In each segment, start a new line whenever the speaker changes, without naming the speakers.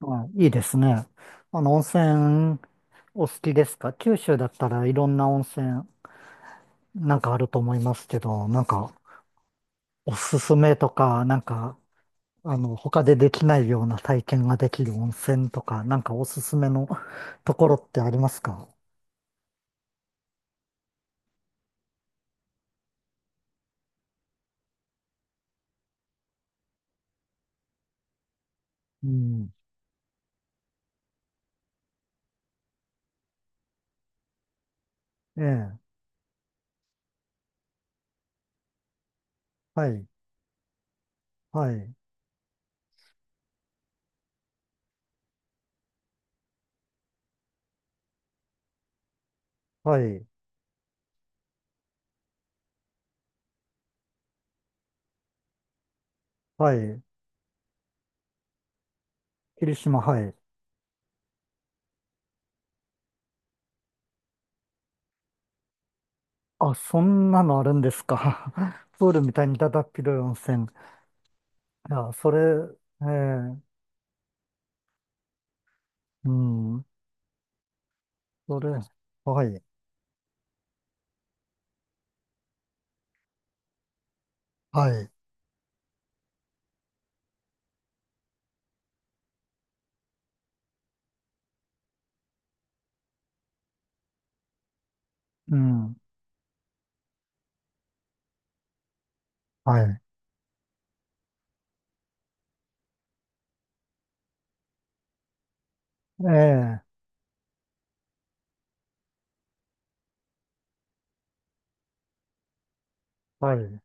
はい、いいですね。温泉お好きですか？九州だったらいろんな温泉なんかあると思いますけど、なんかおすすめとか、なんか他でできないような体験ができる温泉とか、なんかおすすめのところってありますか？うん。ええ。はい。はい。はい。はい。霧島、はい。あ、そんなのあるんですか？プールみたいにだだっ広い温泉。いや、それ、ええ、うん。それ、はい、はい、うん、はい、ええ、はい、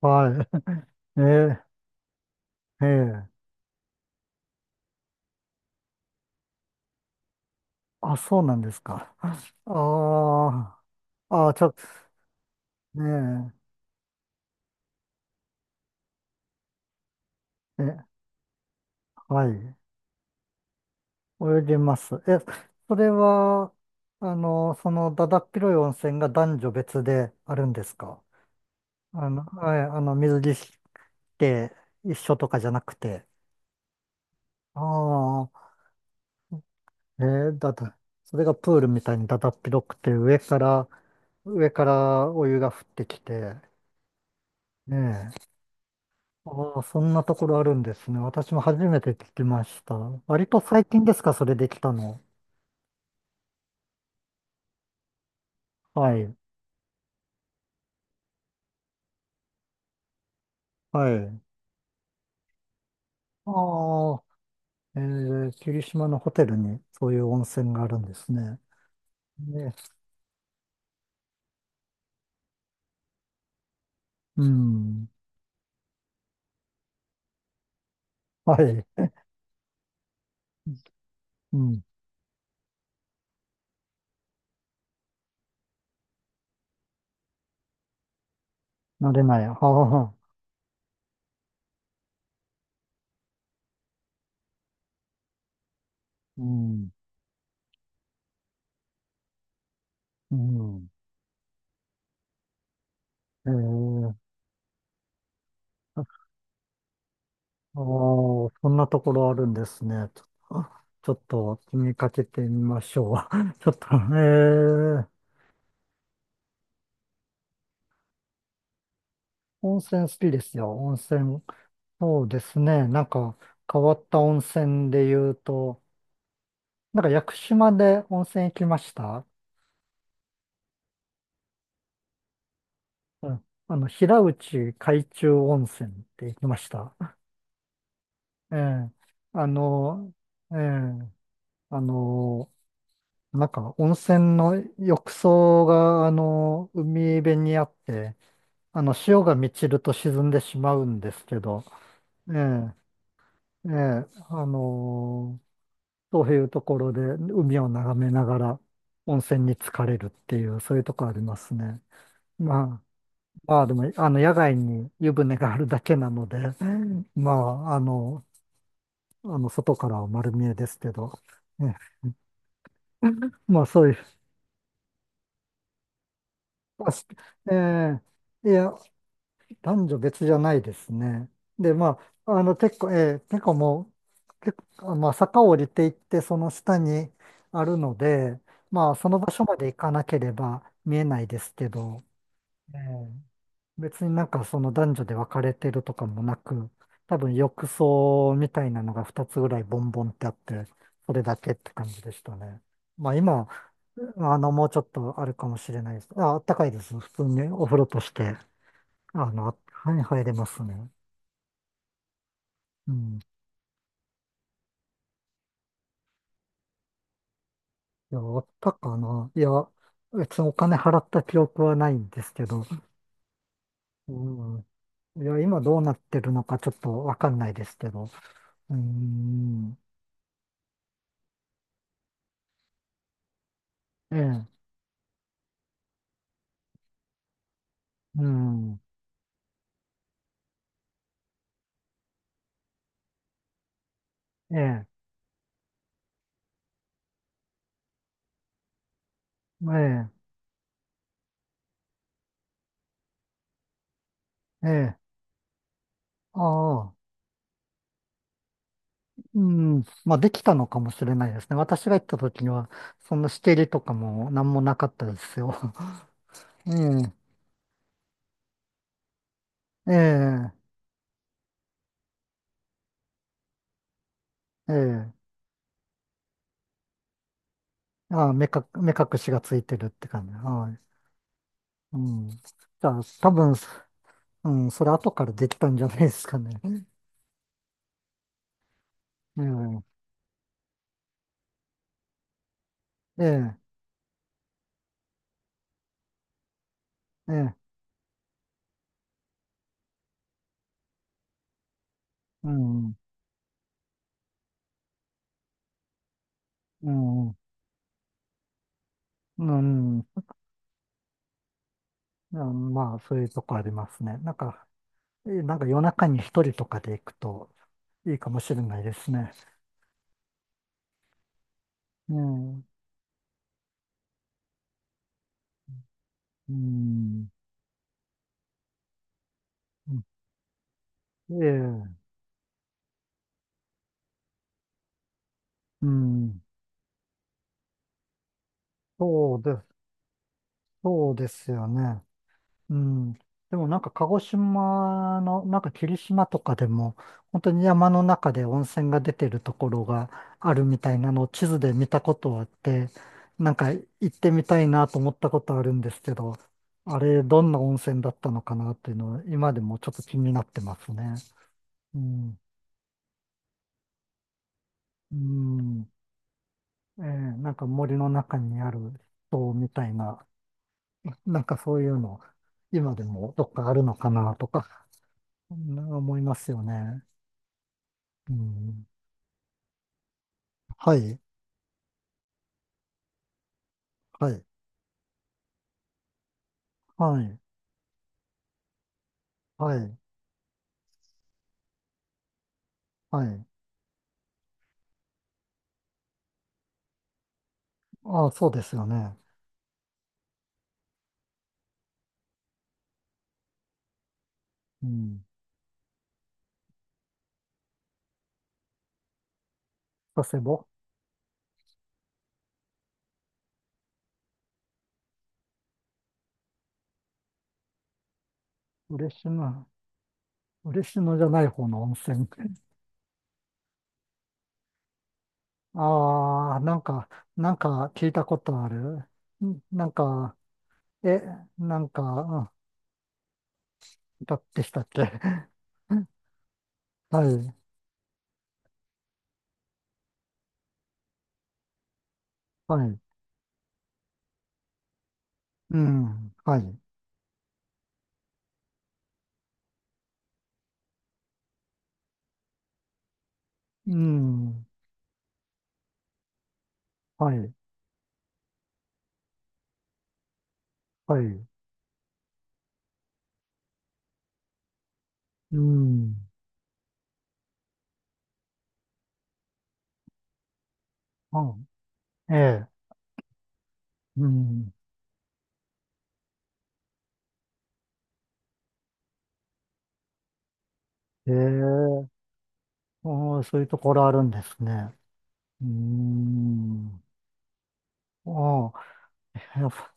はい、ええ、ええ、あ、そうなんですか？ああ、あ、ちょっと、ねえ、え、はい、泳げます。え、それは、だだっ広い温泉が男女別であるんですか？はい、水着着て一緒とかじゃなくて。ああ、ええ、それがプールみたいにだだっ広くて上から、上からお湯が降ってきて、ねえ。ああ、そんなところあるんですね。私も初めて聞きました。割と最近ですか、それできたの？はい。はい。ああ、え霧島のホテルにそういう温泉があるんですね。ねうん。はい。うん。慣れない。はあ、うん。うん。えーああ、そんなところあるんですね。ょ、ちょっと気にかけてみましょう。ちょっと、ー、温泉好きですよ。温泉。そうですね。なんか変わった温泉で言うと、なんか屋久島で温泉行きました。うん。あの、平内海中温泉って行きました。ええあの、ええあの、なんか温泉の浴槽が、あの、海辺にあって、あの、潮が満ちると沈んでしまうんですけど、ええ、ええ、あのーそういうところで海を眺めながら温泉に浸かれるっていう、そういうとこありますね。まあ、まあでも、あの、野外に湯船があるだけなので、まあ、外からは丸見えですけど、ね、まあそういう、あしええ、いや、男女別じゃないですね。で、まあ、あの、結構、えー結構もう、結構、まあ、坂を降りていって、その下にあるので、まあ、その場所まで行かなければ見えないですけど、えー別になんかその男女で分かれてるとかもなく、多分浴槽みたいなのが2つぐらいボンボンってあって、それだけって感じでしたね。まあ、今、あの、もうちょっとあるかもしれないです。あ、あったかいです。普通にお風呂として。あの、はい、入れますね。うん。いや、あったかな。いや、別にお金払った記憶はないんですけど、うん。いや、今どうなってるのかちょっとわかんないですけど。うん。ええ、うん。ええ、ええ、ええ、ああ。うん。まあ、できたのかもしれないですね。私が行った時には、そんな仕切りとかも何もなかったですよ。ええ、ええ、ええ。ああ、目隠しがついてるって感じ。はいうん。じゃあ、多分、うん、それ後からできたんじゃないですかね。ええ、ええ、ええ、うん、うん、うん、うんまあ、そういうとこありますね。なんか、なんか夜中に一人とかで行くといいかもしれないですね。ええ、うん、ええ、うん、そうです、そうですよね。うん。でもなんか鹿児島の、なんか霧島とかでも、本当に山の中で温泉が出てるところがあるみたいなのを地図で見たことあって、なんか行ってみたいなと思ったことあるんですけど、あれどんな温泉だったのかなっていうのは今でもちょっと気になってますね。うん。うん。ええなんか森の中にある塔みたいな、なんかそういうの、今でもどっかあるのかなとか、そんな思いますよね。うん、はい、はい、はい、はい、はい。ああ、そうですよね。うん。佐世保、嬉野、嬉野じゃない方の温泉。ああ、なんか、なんか聞いたことある。んなんか、え、なんか、うんだってしたっけ？はい、はい、うん、はい、うん、はい、はい、うん、うん、ええ、うん、ええ、おーそういうところあるんですね。うーん。ああ、やっぱ、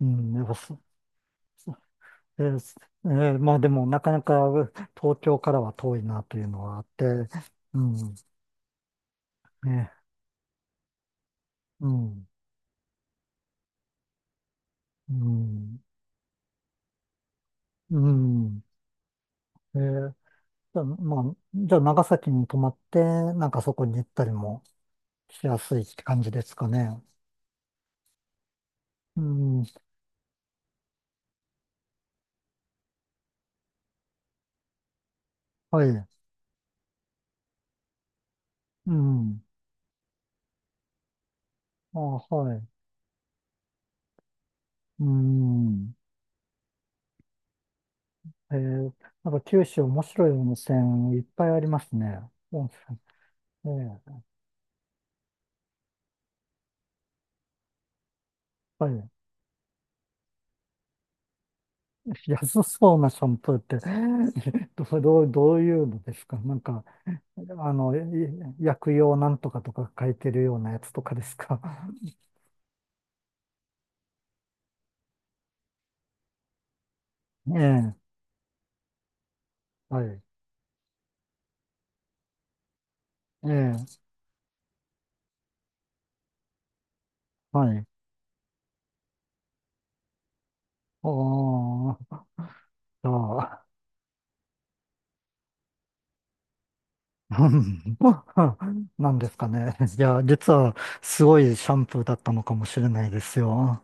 うん、やっぱそ、えーすえーまあでも、なかなか東京からは遠いなというのはあって、うん、ね、うん、うん、うん。えーじゃあ、まあ、じゃあ長崎に泊まって、なんかそこに行ったりもしやすいって感じですかね？うん、はい、うん、あ、はい、うん。えー、なんか九州面白い温泉いっぱいありますね。うんええ、やっぱりね安そうなシャンプーって？ どういうのですかなんか、あの、薬用なんとかとか書いてるようなやつとかですか？ええ、はい。ええ、はい。おー、じゃあ、うんなんですかね。いや、実はすごいシャンプーだったのかもしれないですよ。